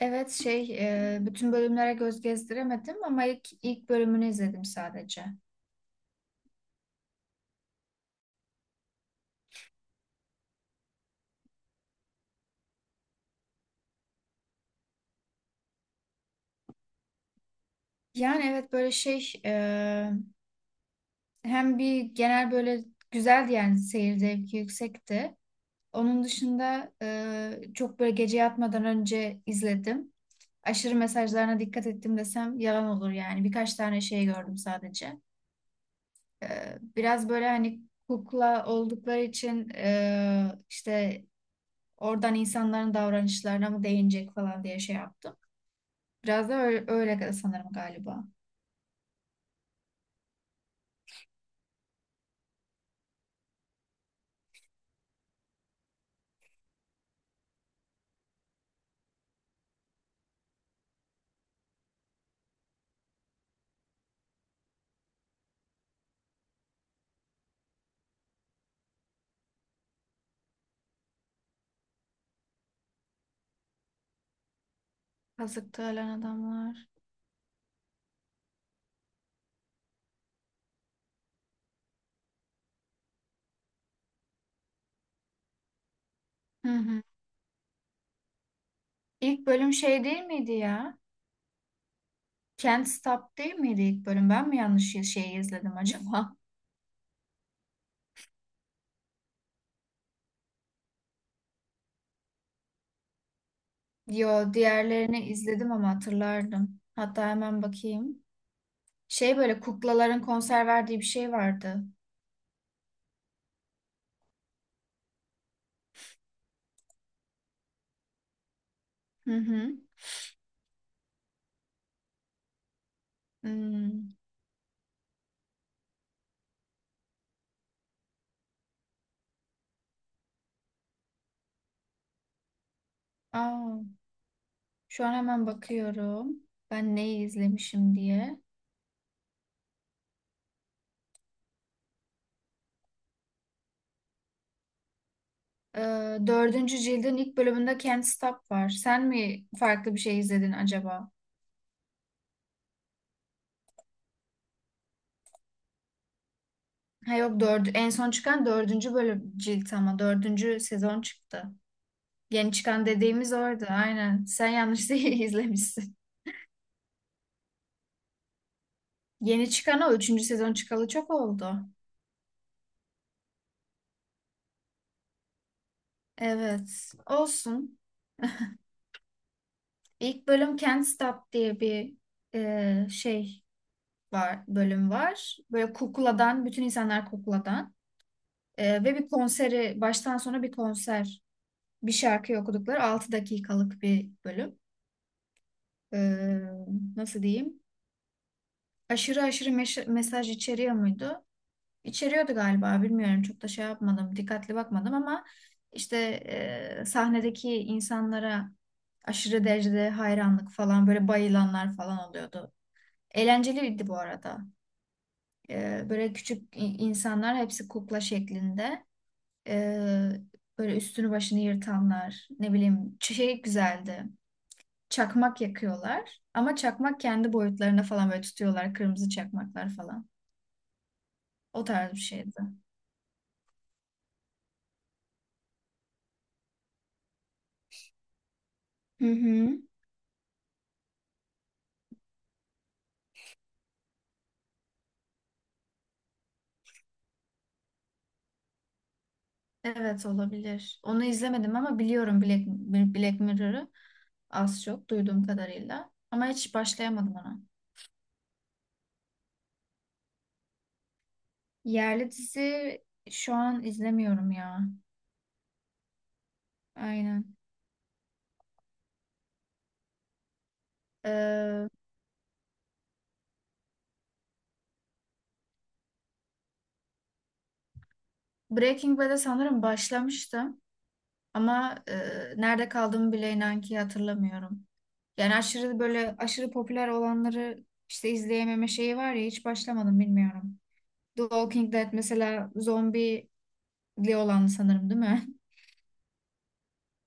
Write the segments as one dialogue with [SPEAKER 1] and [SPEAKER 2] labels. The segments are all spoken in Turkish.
[SPEAKER 1] Evet şey bütün bölümlere göz gezdiremedim ama ilk bölümünü izledim sadece. Yani evet böyle şey hem bir genel böyle güzeldi yani seyir zevki yüksekti. Onun dışında çok böyle gece yatmadan önce izledim. Aşırı mesajlarına dikkat ettim desem yalan olur yani. Birkaç tane şey gördüm sadece. E, Biraz böyle hani kukla oldukları için işte oradan insanların davranışlarına mı değinecek falan diye şey yaptım. Biraz da öyle sanırım galiba. Kazıktı ölen adamlar. Hı hı. İlk bölüm şey değil miydi ya? Can't Stop değil miydi ilk bölüm? Ben mi yanlış şeyi izledim acaba? Yo, diğerlerini izledim ama hatırlardım. Hatta hemen bakayım. Şey böyle kuklaların konser verdiği bir şey vardı. Hı hı. Hmm. Aa, şu an hemen bakıyorum. Ben neyi izlemişim diye. Ee, dördüncü cildin ilk bölümünde Can't Stop var. Sen mi farklı bir şey izledin acaba? Ha yok dördü, en son çıkan dördüncü bölüm cilt ama dördüncü sezon çıktı. Yeni çıkan dediğimiz orada aynen. Sen yanlış değil izlemişsin. Yeni çıkan o üçüncü sezon çıkalı çok oldu. Evet olsun. İlk bölüm Can't Stop diye bir şey var bölüm var. Böyle kukladan bütün insanlar kukladan. Ve bir konseri baştan sona bir konser bir şarkıyı okudukları 6 dakikalık bir bölüm. Ee, nasıl diyeyim? Aşırı mesaj içeriyor muydu? İçeriyordu galiba bilmiyorum. Çok da şey yapmadım, dikkatli bakmadım ama işte sahnedeki insanlara aşırı derecede hayranlık falan böyle bayılanlar falan oluyordu. Eğlenceliydi bu arada. Böyle küçük insanlar hepsi kukla şeklinde. Ee, böyle üstünü başını yırtanlar ne bileyim şey güzeldi. Çakmak yakıyorlar. Ama çakmak kendi boyutlarına falan böyle tutuyorlar. Kırmızı çakmaklar falan. O tarz bir şeydi. Hı hı. Evet olabilir. Onu izlemedim ama biliyorum Black Mirror'ı az çok duyduğum kadarıyla. Ama hiç başlayamadım ona. Yerli dizi şu an izlemiyorum ya. Aynen. Ee, Breaking Bad'e sanırım başlamıştım. Ama nerede kaldığımı bile inan ki hatırlamıyorum. Yani aşırı popüler olanları işte izleyememe şeyi var ya hiç başlamadım bilmiyorum. The Walking Dead mesela zombili olan sanırım değil mi?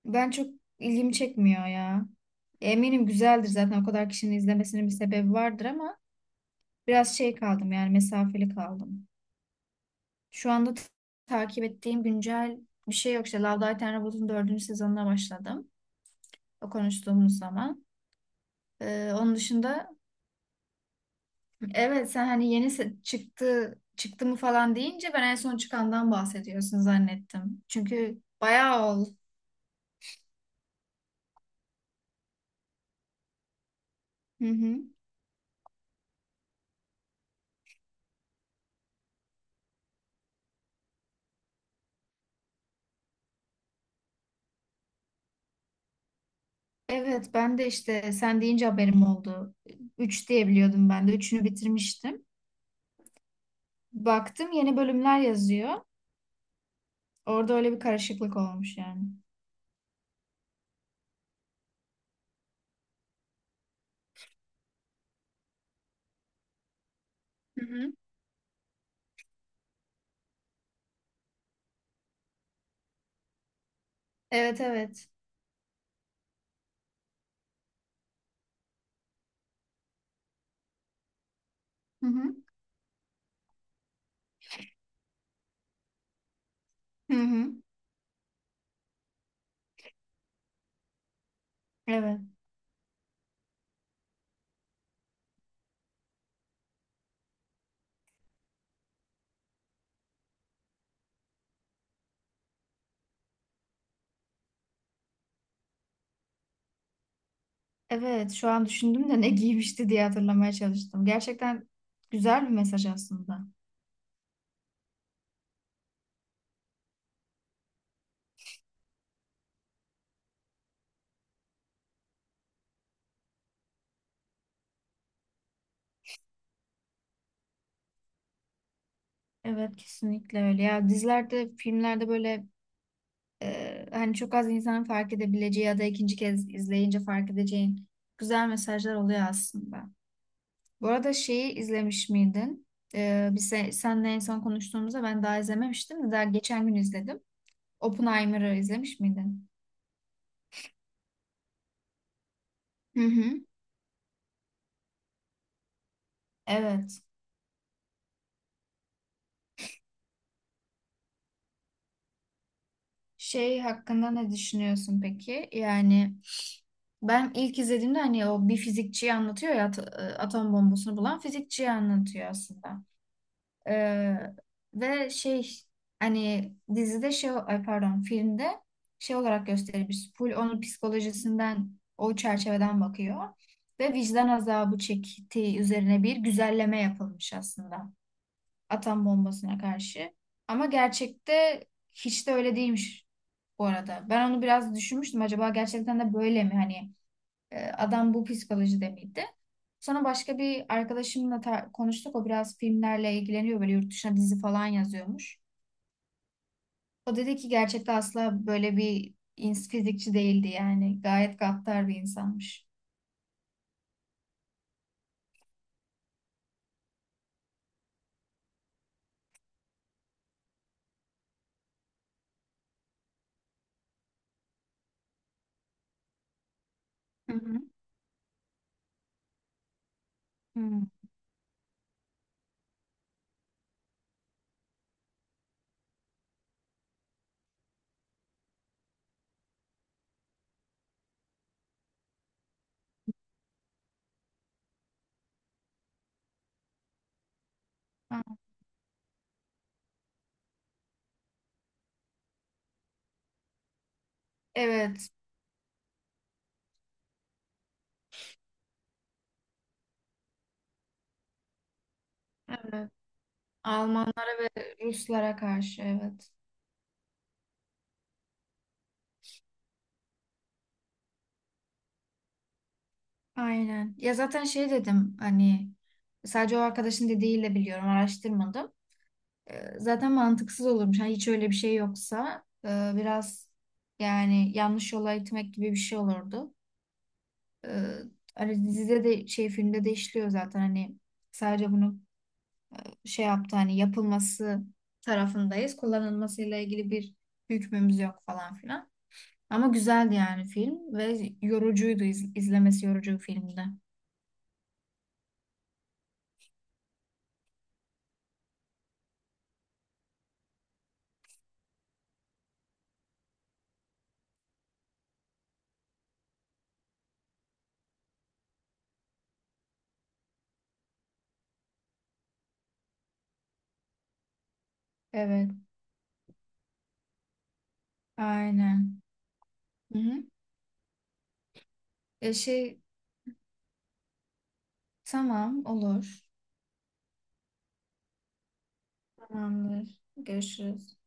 [SPEAKER 1] Ben çok ilgimi çekmiyor ya. Eminim güzeldir zaten o kadar kişinin izlemesinin bir sebebi vardır ama biraz şey kaldım yani mesafeli kaldım. Şu anda takip ettiğim güncel bir şey yok. İşte Love, Death and Robots'un dördüncü sezonuna başladım. O konuştuğumuz zaman. Onun dışında evet sen hani yeni çıktı çıktı mı falan deyince ben en son çıkandan bahsediyorsun zannettim. Çünkü bayağı ol. Hı hı. Evet ben de işte sen deyince haberim oldu. Üç diye biliyordum ben de. Üçünü bitirmiştim. Baktım yeni bölümler yazıyor. Orada öyle bir karışıklık olmuş yani. Hı hı. Evet evet. Hı hı. Hı hı. Evet. Evet şu an düşündüm de ne giymişti diye hatırlamaya çalıştım. Gerçekten güzel bir mesaj aslında. Evet kesinlikle öyle. Ya dizilerde, filmlerde böyle hani çok az insanın fark edebileceği ya da ikinci kez izleyince fark edeceğin güzel mesajlar oluyor aslında. Bu arada şeyi izlemiş miydin? E, biz seninle en son konuştuğumuzda ben daha izlememiştim de daha geçen gün izledim. Oppenheimer'ı izlemiş miydin? Hı hı. Evet. Şey hakkında ne düşünüyorsun peki? Yani ben ilk izlediğimde hani o bir fizikçiyi anlatıyor ya atom bombasını bulan fizikçiyi anlatıyor aslında. Ee, ve şey hani dizide şey ay pardon filmde şey olarak gösterilmiş. Full onun psikolojisinden o çerçeveden bakıyor. Ve vicdan azabı çektiği üzerine bir güzelleme yapılmış aslında. Atom bombasına karşı. Ama gerçekte hiç de öyle değilmiş bu arada. Ben onu biraz düşünmüştüm. Acaba gerçekten de böyle mi? Hani adam bu psikolojide miydi? Sonra başka bir arkadaşımla konuştuk. O biraz filmlerle ilgileniyor. Böyle yurt dışına dizi falan yazıyormuş. O dedi ki gerçekten asla böyle bir fizikçi değildi yani. Gayet gaddar bir insanmış. Hı hı. Hmm. Ha, evet. Evet. Almanlara ve Ruslara karşı evet. Aynen. Ya zaten şey dedim hani sadece o arkadaşın dediğiyle biliyorum araştırmadım. E, zaten mantıksız olurmuş. Hani hiç öyle bir şey yoksa biraz yani yanlış yola itmek gibi bir şey olurdu. E, hani dizide de şey filmde de işliyor zaten hani sadece bunu şey yaptı hani yapılması tarafındayız. Kullanılmasıyla ilgili bir hükmümüz yok falan filan. Ama güzeldi yani film ve yorucuydu izlemesi yorucu bir filmdi. Evet, aynen. Hı hı. E şey tamam olur. Tamamdır. Görüşürüz.